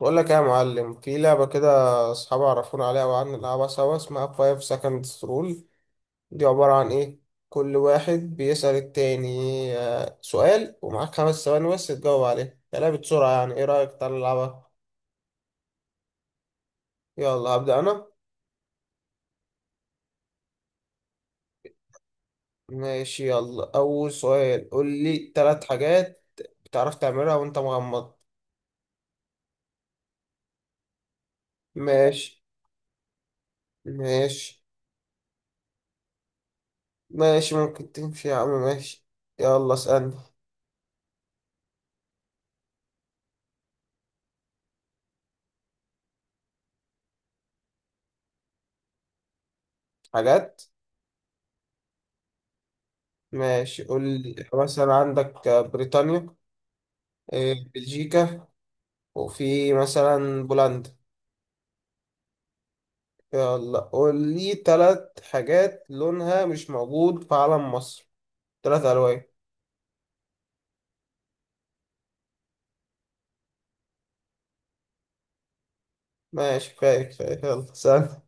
بقول لك إيه يا معلم في لعبة كده، أصحابي عرفونا عليها وقعدنا نلعبها سوا اسمها 5 seconds rule. دي عبارة عن إيه؟ كل واحد بيسأل التاني. سؤال ومعاك خمس ثواني بس تجاوب عليه، يا لعبة سرعة يعني. إيه رأيك تعالى نلعبها؟ يلا هبدأ أنا. ماشي يلا أول سؤال، قول لي تلات حاجات بتعرف تعملها وأنت مغمض. ماشي. ماشي. ماشي ممكن تمشي يا عم ماشي. يلا اسألني. حاجات. ماشي قول لي مثلا عندك بريطانيا. بلجيكا. وفي مثلا بولندا. يلا قول لي تلات حاجات لونها مش موجود في علم مصر، تلات ألوان. ماشي كفاية كفاية يلا سهل.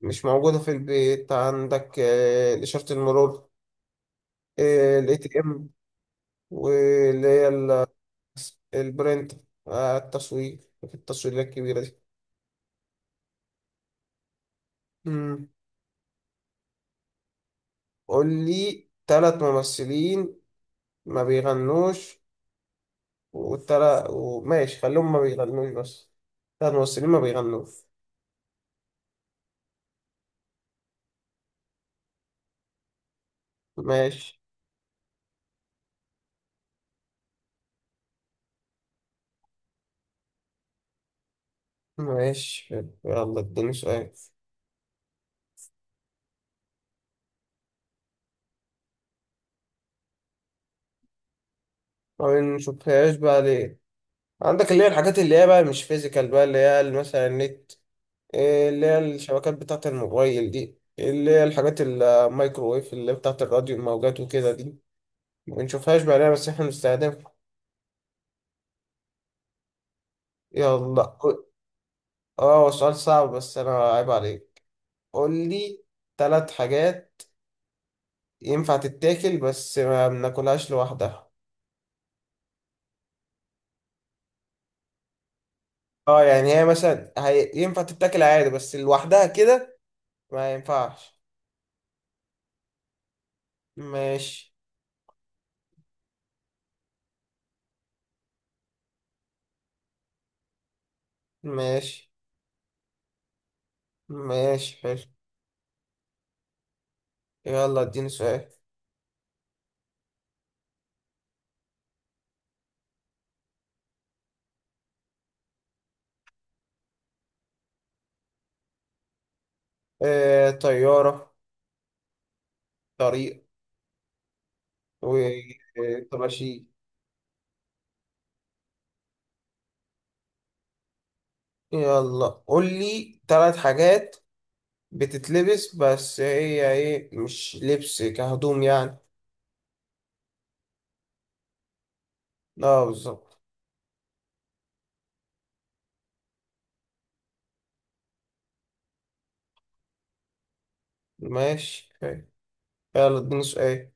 مش موجودة في البيت، عندك إشارة المرور، الاي تي ام، واللي هي ال- البرنت، التصوير، في التصويرات الكبيرة دي. مم. قول لي تلات ممثلين ما بيغنوش. والتلا وماشي خليهم ما بيغنوش بس، ثلاث ممثلين ما بيغنوش. ماشي. ماشي حلو. يلا اديني سؤال. ما بنشوفهاش بقى ليه، عندك اللي هي الحاجات اللي هي بقى مش فيزيكال بقى، مثلا النت، إيه اللي هي الشبكات بتاعة الموبايل دي، اللي هي الحاجات الميكروويف اللي بتاعة الراديو، الموجات وكده دي، ما بنشوفهاش بقى ليه بس احنا بنستخدمها. يلا قول- اه هو سؤال صعب بس انا عيب عليك. قول لي ثلاث حاجات ينفع تتاكل بس ما بناكلهاش لوحدها. اه يعني هي مثلا ينفع تتاكل عادي بس لوحدها كده ما ينفعش. ماشي. ماشي. ماشي حلو يلا اديني سؤال. طيارة، طريق، وطباشير. يلا قول لي ثلاث حاجات بتتلبس بس هي ايه، مش لبس كهدوم يعني. اه بالظبط. ماشي حلو. يلا اديني سؤال.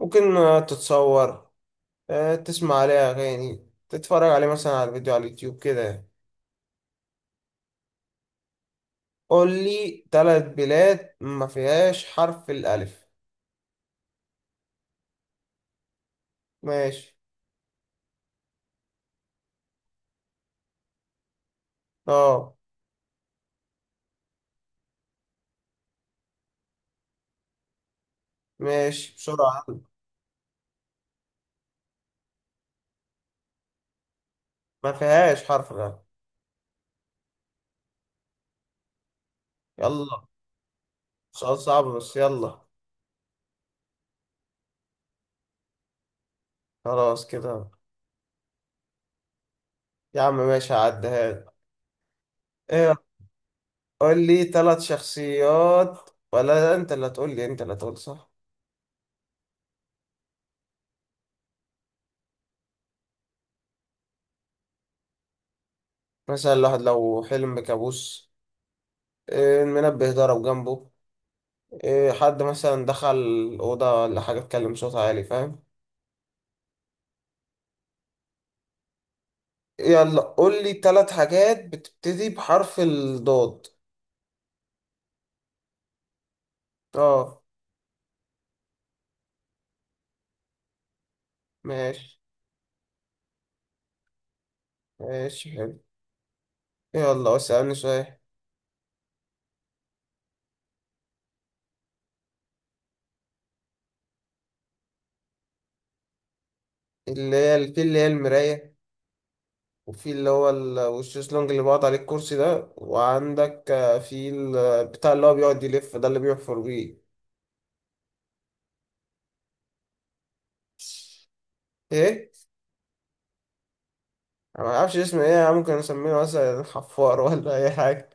ممكن تتصور، تسمع عليه أغاني، تتفرج عليه مثلا على فيديو على اليوتيوب كده يعني. قول لي تلات بلاد ما فيهاش حرف الألف. ماشي. اه. ماشي بسرعة. ما فيهاش حرف الألف. يلا. سؤال صعب بس يلا. خلاص كده. يا عم ماشي هعديها لك. ايه؟ قول لي تلات شخصيات، ولا لا انت اللي هتقول لي، انت اللي هتقول صح. مثلا الواحد لو حلم بكابوس، المنبه ضرب جنبه، إيه حد مثلا دخل الأوضة ولا حاجة اتكلم صوت عالي، فاهم؟ يلا قول لي تلات حاجات بتبتدي بحرف الضاد. اه. ماشي. ماشي حلو. يلا اسألني سؤال. اللي هي المراية، وفي اللي هو ال- والشيزلونج اللي بقعد عليه، الكرسي ده، وعندك في بتاع اللي هو بيقعد يلف ده، اللي بيحفر بيه. ايه؟ انا ما اعرفش اسمه ايه، ممكن اسميه مثلا حفار ولا اي حاجة.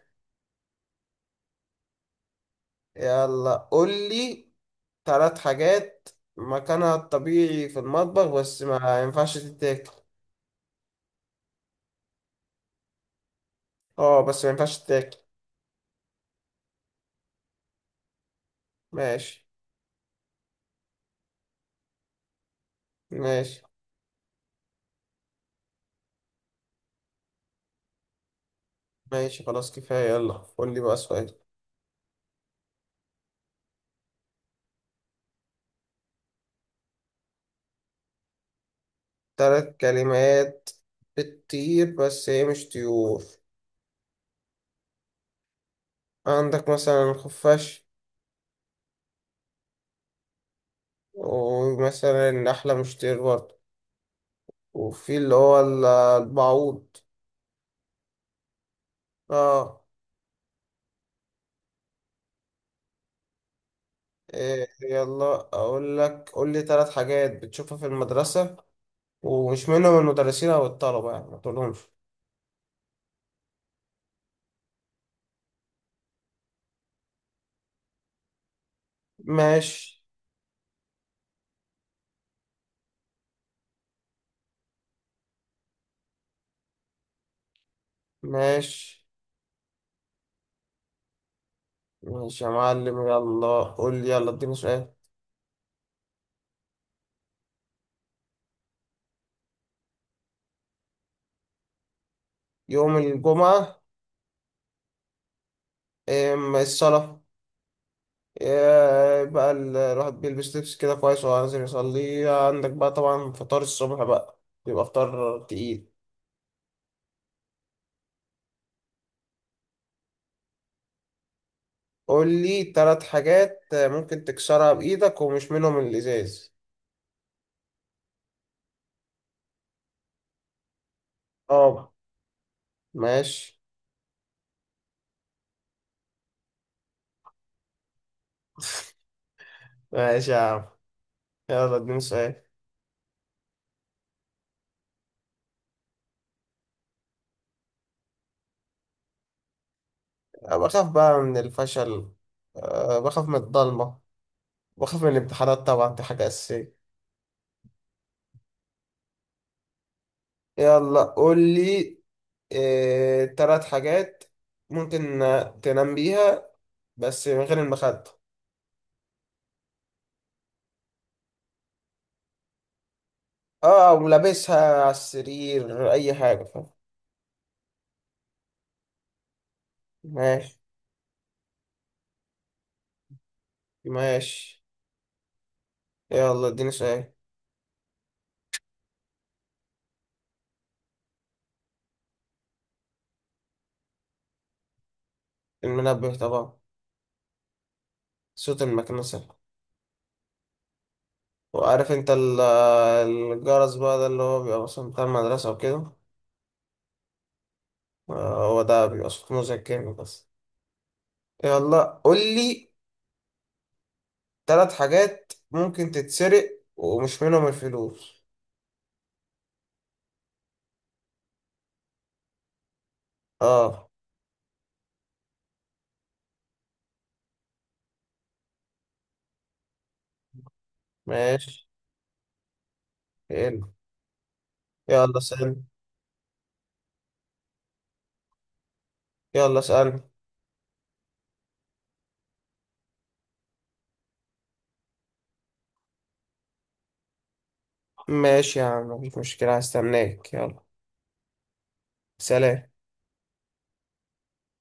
يلا قول لي ثلاث حاجات مكانها الطبيعي في المطبخ بس ما ينفعش تتاكل. اه بس ما ينفعش تتاكل. ماشي. ماشي. ماشي خلاص كفاية، يلا قول لي بقى سؤال. ثلاث كلمات بتطير بس هي مش طيور. عندك مثلا الخفاش، ومثلا النحلة مش طير برضه، وفي البعوض. اه. إيه يلا اقول لك، قول لي ثلاث حاجات بتشوفها في المدرسة ومش منهم المدرسين او الطلبة يعني، ما تقولهمش. ماشي. ماشي. ماشي يا معلم. يلا قول لي، يلا اديني سؤال. يوم الجمعة، الصلاة، إيه بقى الواحد بيلبس لبس كده كويس وهو نازل يصلي، عندك بقى طبعا فطار الصبح بقى، بيبقى فطار تقيل. قول لي تلات حاجات ممكن تكسرها بإيدك ومش منهم الإزاز. اه. ماشي. ماشي يا عم. يلا اديني سؤال. أنا بخاف بقى من الفشل، أه بخاف من الضلمة، بخاف من الامتحانات طبعا دي حاجة أساسية. يلا قول لي تلات حاجات ممكن تنام بيها بس من غير المخدة. اه ولابسها على السرير اي حاجة، فاهم؟ ماشي. ماشي يلا اديني سؤال. المنبه طبعا، صوت المكنسة، وعارف انت الجرس بقى ده اللي هو بيبقى مثلا بتاع المدرسة وكده، هو ده بيبقى صوت مزعج جامد بس. يلا قول لي تلات حاجات ممكن تتسرق ومش منهم الفلوس. اه. ماشي. يلا. يلا اسألني. يلا اسألني. ماشي يا عم مفيش مشكلة هستناك يلا. سلام.